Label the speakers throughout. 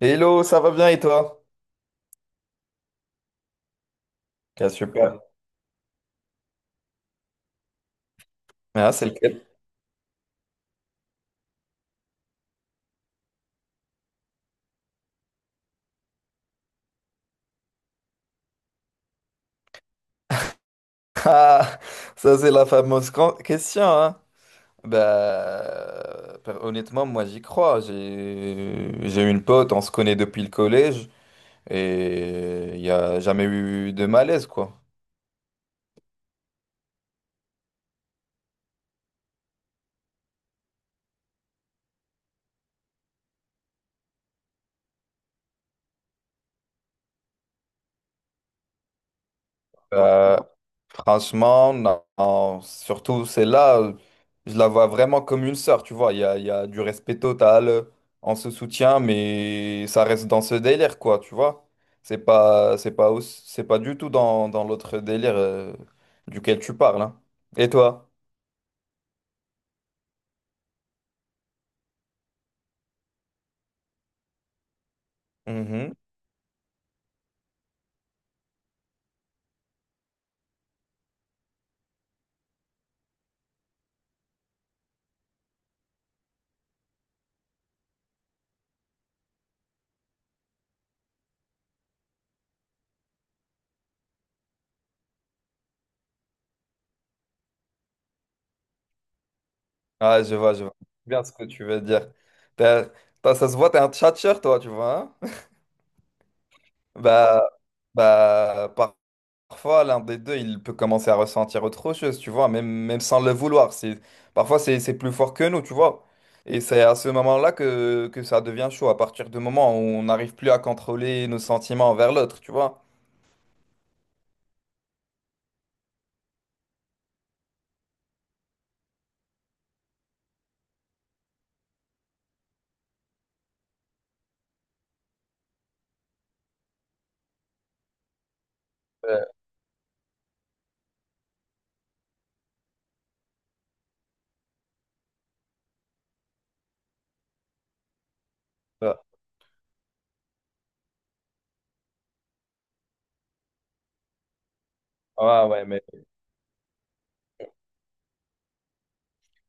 Speaker 1: Hello, ça va bien et toi? Ah, super. Ah, c'est lequel? Ah, ça c'est la fameuse question, hein? Honnêtement, moi j'y crois. J'ai une pote, on se connaît depuis le collège et il n'y a jamais eu de malaise, quoi. Euh, Franchement, non, non, surtout celle-là, je la vois vraiment comme une sœur, tu vois. Il y a du respect total, on se soutient, mais ça reste dans ce délire, quoi, tu vois. C'est pas du tout dans l'autre délire duquel tu parles, hein. Et toi? Mhm. Ah, je vois bien ce que tu veux dire. T'as- Ça se voit, t'es un tchatcheur, toi, tu vois, hein. Bah, bah, par- Parfois, l'un des deux, il peut commencer à ressentir autre chose, tu vois, même, même sans le vouloir. Parfois, c'est plus fort que nous, tu vois. Et c'est à ce moment-là que ça devient chaud, à partir du moment où on n'arrive plus à contrôler nos sentiments envers l'autre, tu vois. Ouais, ouais, ouais,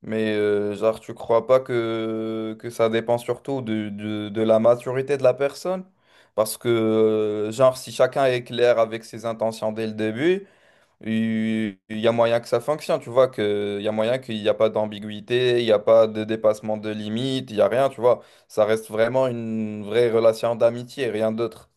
Speaker 1: mais genre, tu crois pas que, que ça dépend surtout de la maturité de la personne? Parce que, genre, si chacun est clair avec ses intentions dès le début, il y a moyen que ça fonctionne, tu vois, que il y a moyen qu'il n'y a pas d'ambiguïté, il n'y a pas de dépassement de limite, il n'y a rien, tu vois. Ça reste vraiment une vraie relation d'amitié, rien d'autre.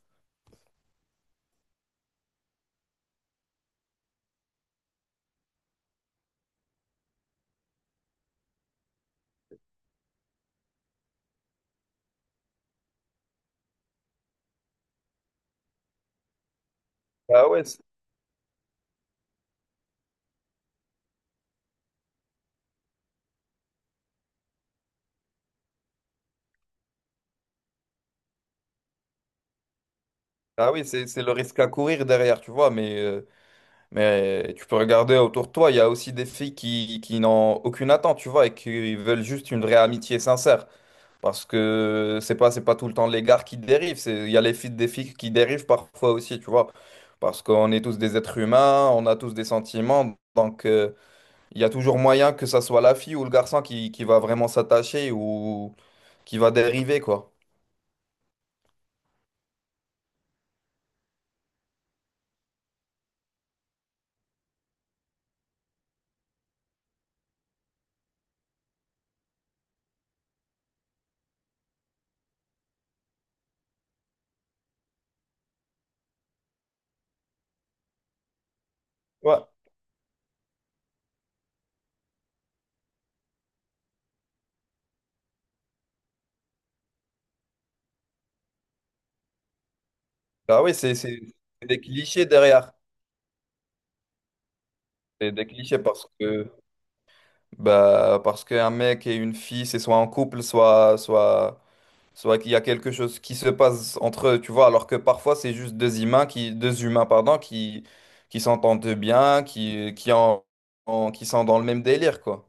Speaker 1: Ah ouais, c'est- ah oui, c'est le risque à courir derrière, tu vois, mais tu peux regarder autour de toi, il y a aussi des filles qui n'ont aucune attente, tu vois, et qui veulent juste une vraie amitié sincère. Parce que c'est pas tout le temps les gars qui dérivent, c'est, il y a les filles des filles qui dérivent parfois aussi, tu vois. Parce qu'on est tous des êtres humains, on a tous des sentiments, donc il y a toujours moyen que ça soit la fille ou le garçon qui va vraiment s'attacher ou qui va dériver, quoi. Ouais. Ah oui, c'est des clichés derrière. C'est des clichés parce que bah parce qu'un mec et une fille, c'est soit en couple, soit soit qu'il y a quelque chose qui se passe entre eux, tu vois, alors que parfois c'est juste deux humains deux humains, pardon, qui s'entendent bien, qui sont dans le même délire, quoi.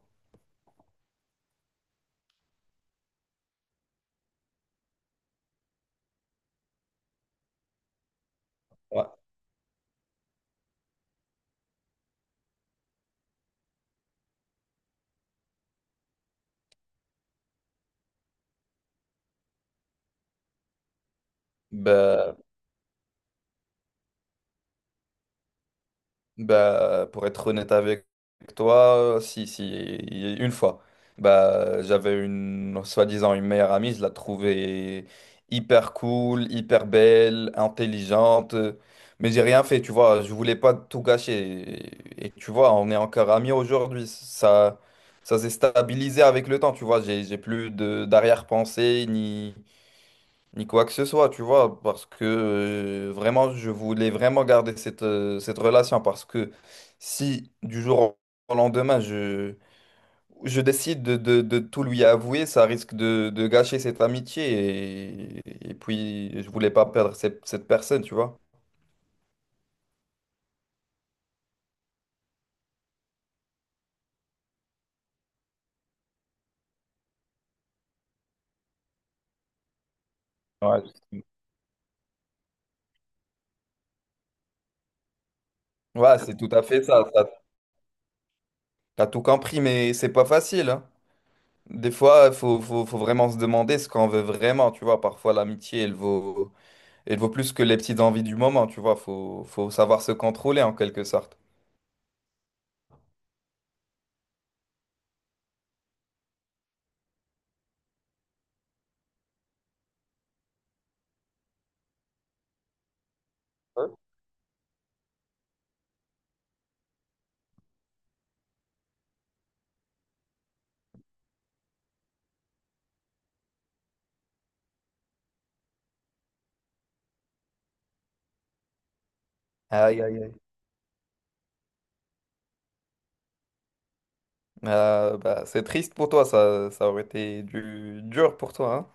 Speaker 1: Ouais. Ben, Bah, pour être honnête avec toi, si, une fois. Bah, j'avais une, soi-disant, une meilleure amie, je la trouvais hyper cool, hyper belle, intelligente, mais j'ai rien fait, tu vois, je voulais pas tout gâcher. Et tu vois, on est encore amis aujourd'hui, ça s'est stabilisé avec le temps, tu vois, j'ai plus de d'arrière-pensée, ni ni quoi que ce soit, tu vois, parce que vraiment, je voulais vraiment garder cette, cette relation, parce que si du jour au lendemain, je décide de tout lui avouer, ça risque de gâcher cette amitié, et puis je voulais pas perdre cette personne, tu vois. Ouais, c'est Ouais, c'est tout à fait ça, t'as tout compris, mais c'est pas facile, hein. Des fois, faut vraiment se demander ce qu'on veut vraiment, tu vois, parfois l'amitié, elle vaut... Et il vaut plus que les petites envies du moment, tu vois. Faut savoir se contrôler en quelque sorte. Ouais. Aïe, aïe, aïe. Bah, c'est triste pour toi, ça aurait été du, dur pour toi, hein.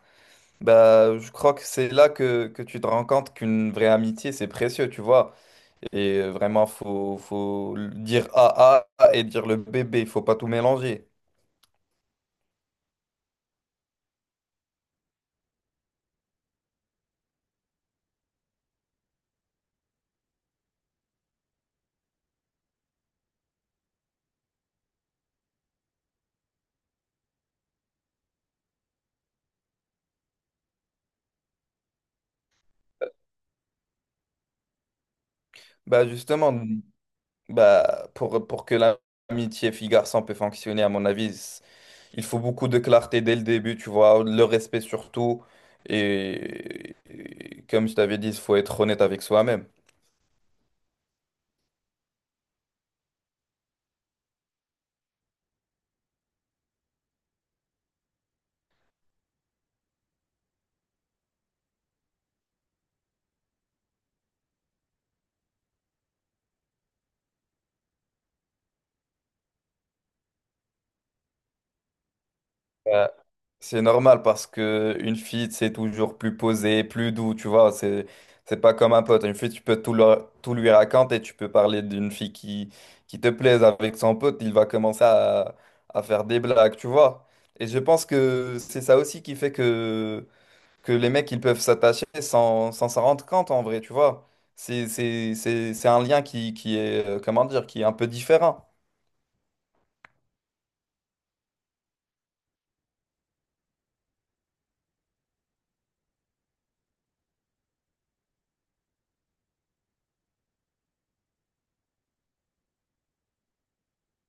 Speaker 1: Bah, je crois que c'est là que tu te rends compte qu'une vraie amitié, c'est précieux, tu vois. Et vraiment, faut le dire A A et dire le bébé, il faut pas tout mélanger. Bah, justement, bah, pour que l'amitié fille-garçon peut fonctionner, à mon avis, il faut beaucoup de clarté dès le début, tu vois, le respect surtout. Et comme je t'avais dit, il faut être honnête avec soi-même. Euh, c'est normal parce que une fille, c'est toujours plus posé, plus doux, tu vois. C'est pas comme un pote. Une fille, tu peux tout, leur- tout lui raconter. Tu peux parler d'une fille qui te plaise avec son pote. Il va commencer à faire des blagues, tu vois. Et je pense que c'est ça aussi qui fait que les mecs ils peuvent s'attacher sans s'en rendre compte en vrai, tu vois. C'est un lien qui est, comment dire, qui est un peu différent.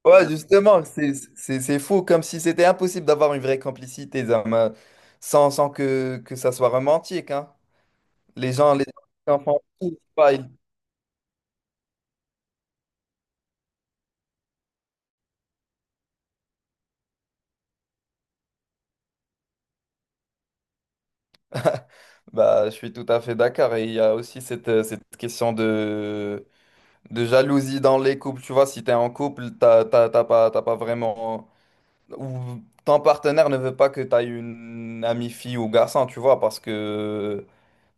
Speaker 1: Ouais, justement, c'est fou, comme si c'était impossible d'avoir une vraie complicité Zama, sans que ça soit romantique, hein. Les gens font tout, ils- bah, je suis tout à fait d'accord. Et il y a aussi cette, cette question de jalousie dans les couples. Tu vois, si t'es en couple, t'as pas vraiment, ou ton partenaire ne veut pas que tu aies une amie fille ou garçon, tu vois, parce que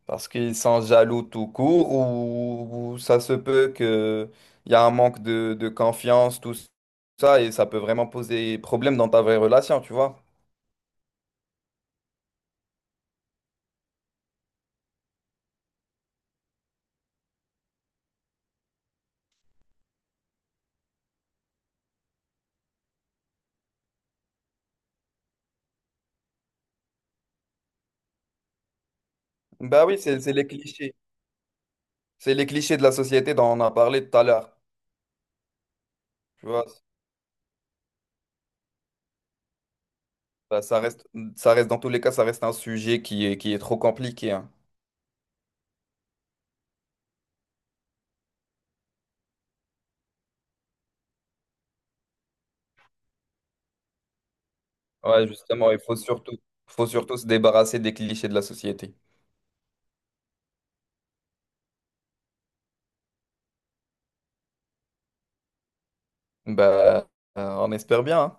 Speaker 1: parce qu'ils sont jaloux tout court, ou ça se peut que il y a un manque de confiance, tout ça, et ça peut vraiment poser problème dans ta vraie relation, tu vois. Bah oui, c'est les clichés. C'est les clichés de la société dont on a parlé tout à l'heure. Tu vois, ça, ça reste, ça reste, dans tous les cas, ça reste un sujet qui est trop compliqué, hein. Ouais, justement, faut surtout se débarrasser des clichés de la société. Bah, on espère bien, hein.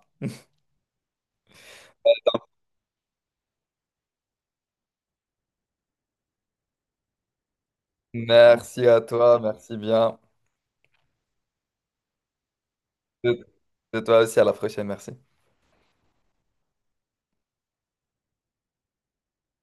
Speaker 1: Merci à toi, merci bien. De de toi aussi, à la prochaine, merci.